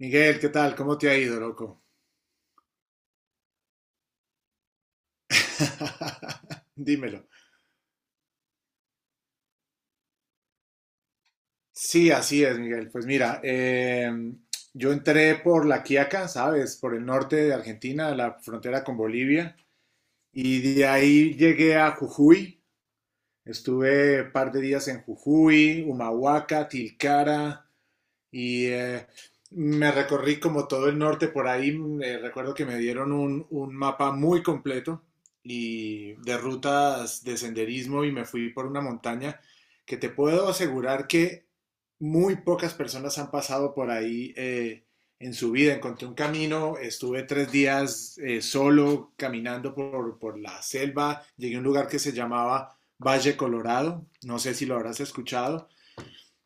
Miguel, ¿qué tal? ¿Cómo te ha ido, loco? Dímelo. Sí, así es, Miguel. Pues mira, yo entré por La Quiaca, ¿sabes? Por el norte de Argentina, la frontera con Bolivia, y de ahí llegué a Jujuy. Estuve un par de días en Jujuy, Humahuaca, Tilcara, y me recorrí como todo el norte por ahí. Recuerdo que me dieron un mapa muy completo y de rutas de senderismo y me fui por una montaña que te puedo asegurar que muy pocas personas han pasado por ahí en su vida. Encontré un camino, estuve 3 días solo caminando por la selva, llegué a un lugar que se llamaba Valle Colorado, no sé si lo habrás escuchado.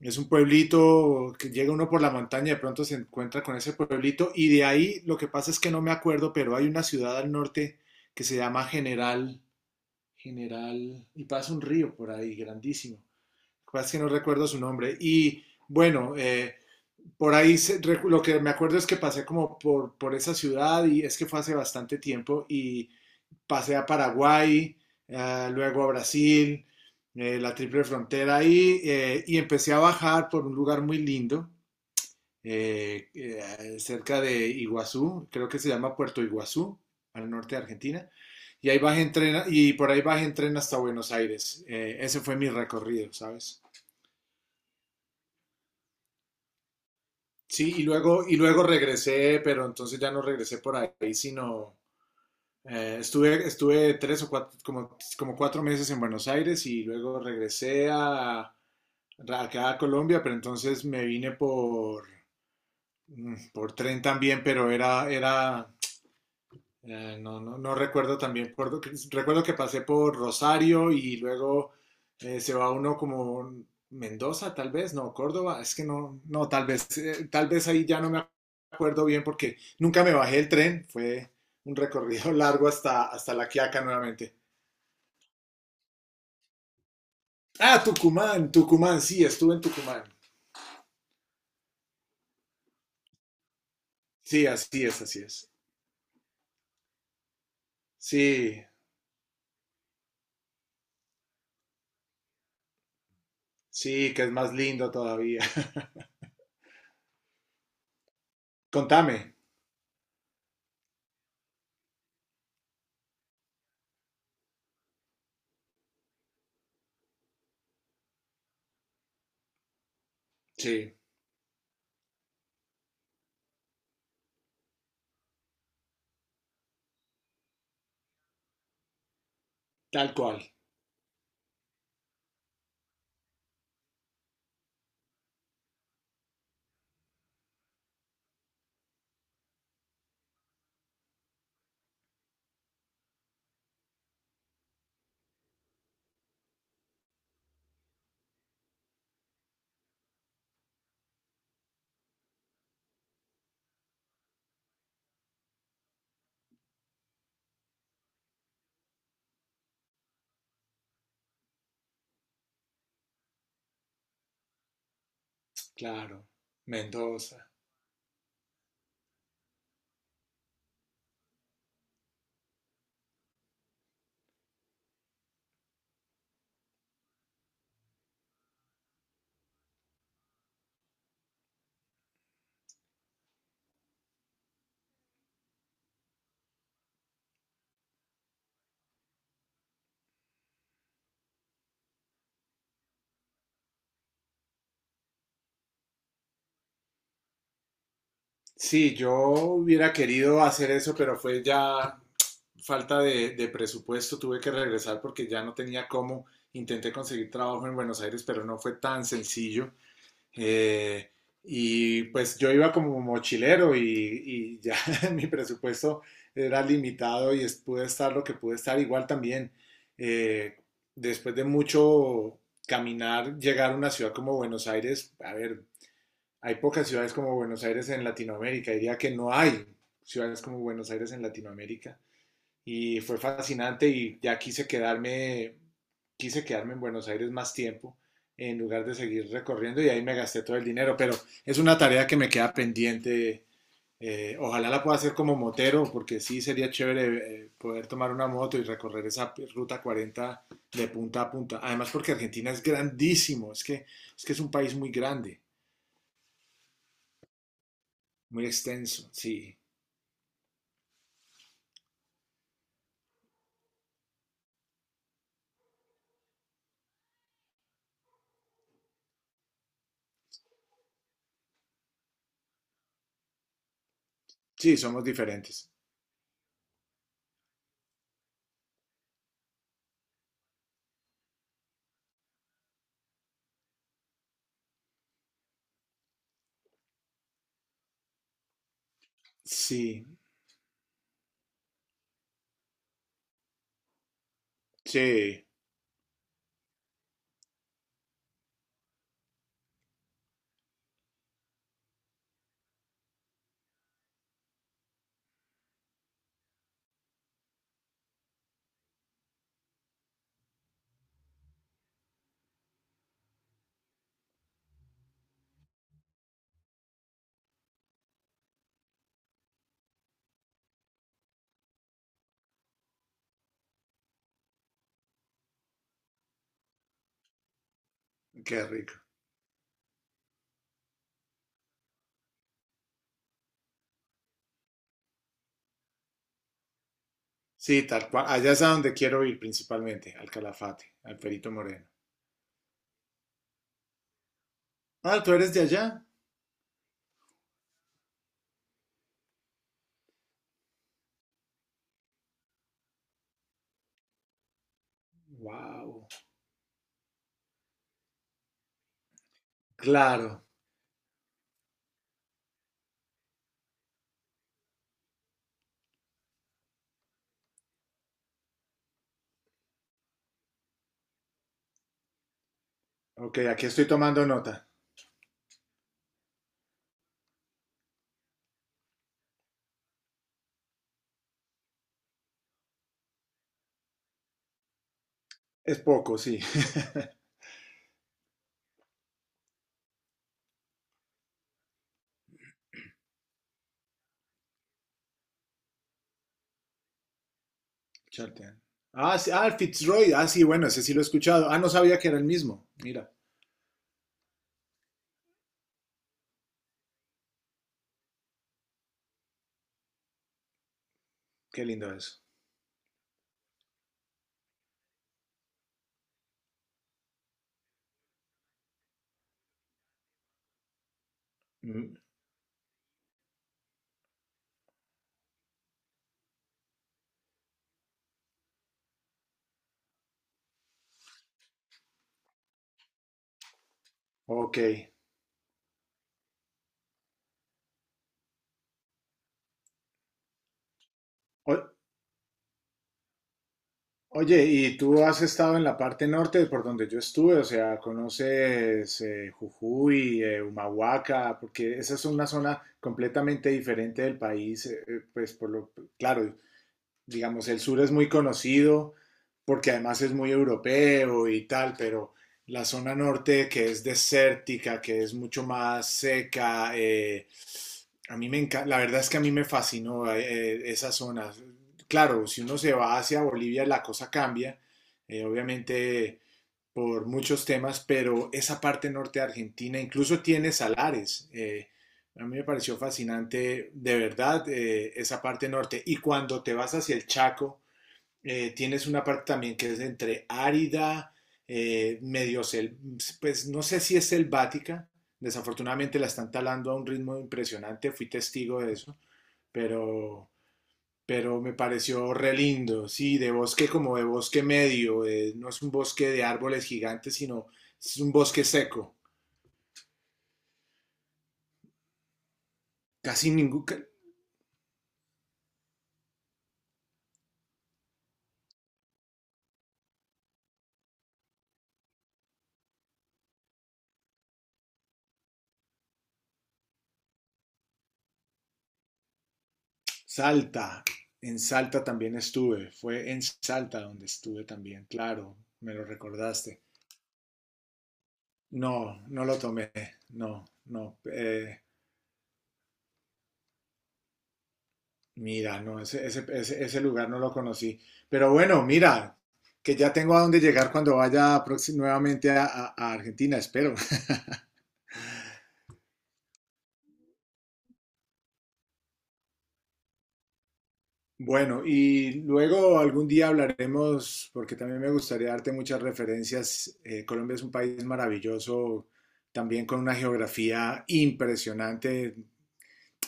Es un pueblito que llega uno por la montaña, de pronto se encuentra con ese pueblito, y de ahí lo que pasa es que no me acuerdo, pero hay una ciudad al norte que se llama General, General, y pasa un río por ahí grandísimo. Lo que pasa es que no recuerdo su nombre. Y bueno, por ahí lo que me acuerdo es que pasé como por esa ciudad, y es que fue hace bastante tiempo, y pasé a Paraguay, luego a Brasil, la triple frontera, y empecé a bajar por un lugar muy lindo, cerca de Iguazú, creo que se llama Puerto Iguazú, al norte de Argentina. Y ahí bajé en tren, y por ahí bajé en tren hasta Buenos Aires. Ese fue mi recorrido, ¿sabes? Sí, y luego regresé, pero entonces ya no regresé por ahí, sino estuve 3 o 4, como 4 meses en Buenos Aires, y luego regresé a, acá a Colombia, pero entonces me vine por, por tren también, pero era no, no, no, recuerdo también, recuerdo que pasé por Rosario, y luego se va uno como Mendoza, tal vez, no, Córdoba, es que no, tal vez ahí ya no me acuerdo bien porque nunca me bajé el tren, fue un recorrido largo hasta, hasta La Quiaca nuevamente. Ah, Tucumán, Tucumán, sí, estuve en Tucumán. Sí, así es, así es. Sí, sí, que es más lindo todavía. Contame. Sí, tal cual. Claro, Mendoza. Sí, yo hubiera querido hacer eso, pero fue ya falta de presupuesto. Tuve que regresar porque ya no tenía cómo. Intenté conseguir trabajo en Buenos Aires, pero no fue tan sencillo. Eh, y pues yo iba como mochilero, y ya mi presupuesto era limitado y pude estar lo que pude estar. Igual también, eh, después de mucho caminar, llegar a una ciudad como Buenos Aires, a ver, hay pocas ciudades como Buenos Aires en Latinoamérica, diría que no hay ciudades como Buenos Aires en Latinoamérica, y fue fascinante y ya quise quedarme en Buenos Aires más tiempo en lugar de seguir recorriendo, y ahí me gasté todo el dinero, pero es una tarea que me queda pendiente. Ojalá la pueda hacer como motero, porque sí sería chévere poder tomar una moto y recorrer esa ruta 40 de punta a punta. Además, porque Argentina es grandísimo, que es un país muy grande, muy extenso. Sí, sí, somos diferentes. Sí, sí, qué rico. Sí, tal cual. Allá es a donde quiero ir principalmente, al Calafate, al Perito Moreno. Ah, tú eres de allá. Wow. Claro. Ok, aquí estoy tomando nota. Es poco, sí. Charlton. Ah, sí, ah, el Fitzroy. Ah, sí, bueno, ese sí lo he escuchado. Ah, no sabía que era el mismo. Mira, qué lindo eso. Mm. Ok. O- Oye, ¿y tú has estado en la parte norte por donde yo estuve? O sea, ¿conoces Jujuy, Humahuaca? Porque esa es una zona completamente diferente del país, pues por lo, claro, digamos, el sur es muy conocido porque además es muy europeo y tal, pero la zona norte que es desértica, que es mucho más seca, a mí me encanta, la verdad es que a mí me fascinó esa zona. Claro, si uno se va hacia Bolivia la cosa cambia, obviamente por muchos temas, pero esa parte norte de Argentina incluso tiene salares. A mí me pareció fascinante, de verdad, esa parte norte. Y cuando te vas hacia el Chaco, tienes una parte también que es entre árida, medio, sel pues no sé si es selvática. Desafortunadamente la están talando a un ritmo impresionante, fui testigo de eso, pero me pareció re lindo, sí, de bosque, como de bosque medio, no es un bosque de árboles gigantes, sino es un bosque seco, casi ningún. Salta, en Salta también estuve, fue en Salta donde estuve también, claro, me lo recordaste. No, no lo tomé, no, no, eh, mira, no, ese lugar no lo conocí, pero bueno, mira, que ya tengo a dónde llegar cuando vaya nuevamente a Argentina, espero. Bueno, y luego algún día hablaremos, porque también me gustaría darte muchas referencias. Colombia es un país maravilloso, también con una geografía impresionante.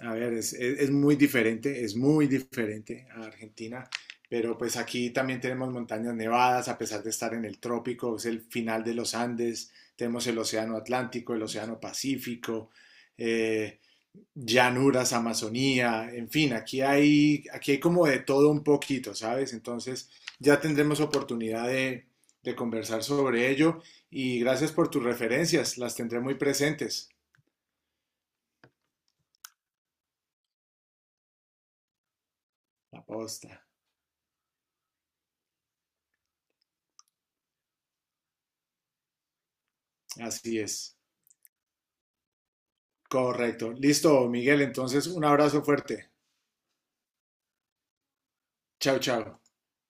A ver, es muy diferente a Argentina, pero pues aquí también tenemos montañas nevadas, a pesar de estar en el trópico, es el final de los Andes, tenemos el Océano Atlántico, el Océano Pacífico, eh, llanuras, Amazonía, en fin, aquí hay como de todo un poquito, ¿sabes? Entonces ya tendremos oportunidad de conversar sobre ello, y gracias por tus referencias, las tendré muy presentes. La posta, así es. Correcto. Listo, Miguel, entonces un abrazo fuerte. Chao, chao.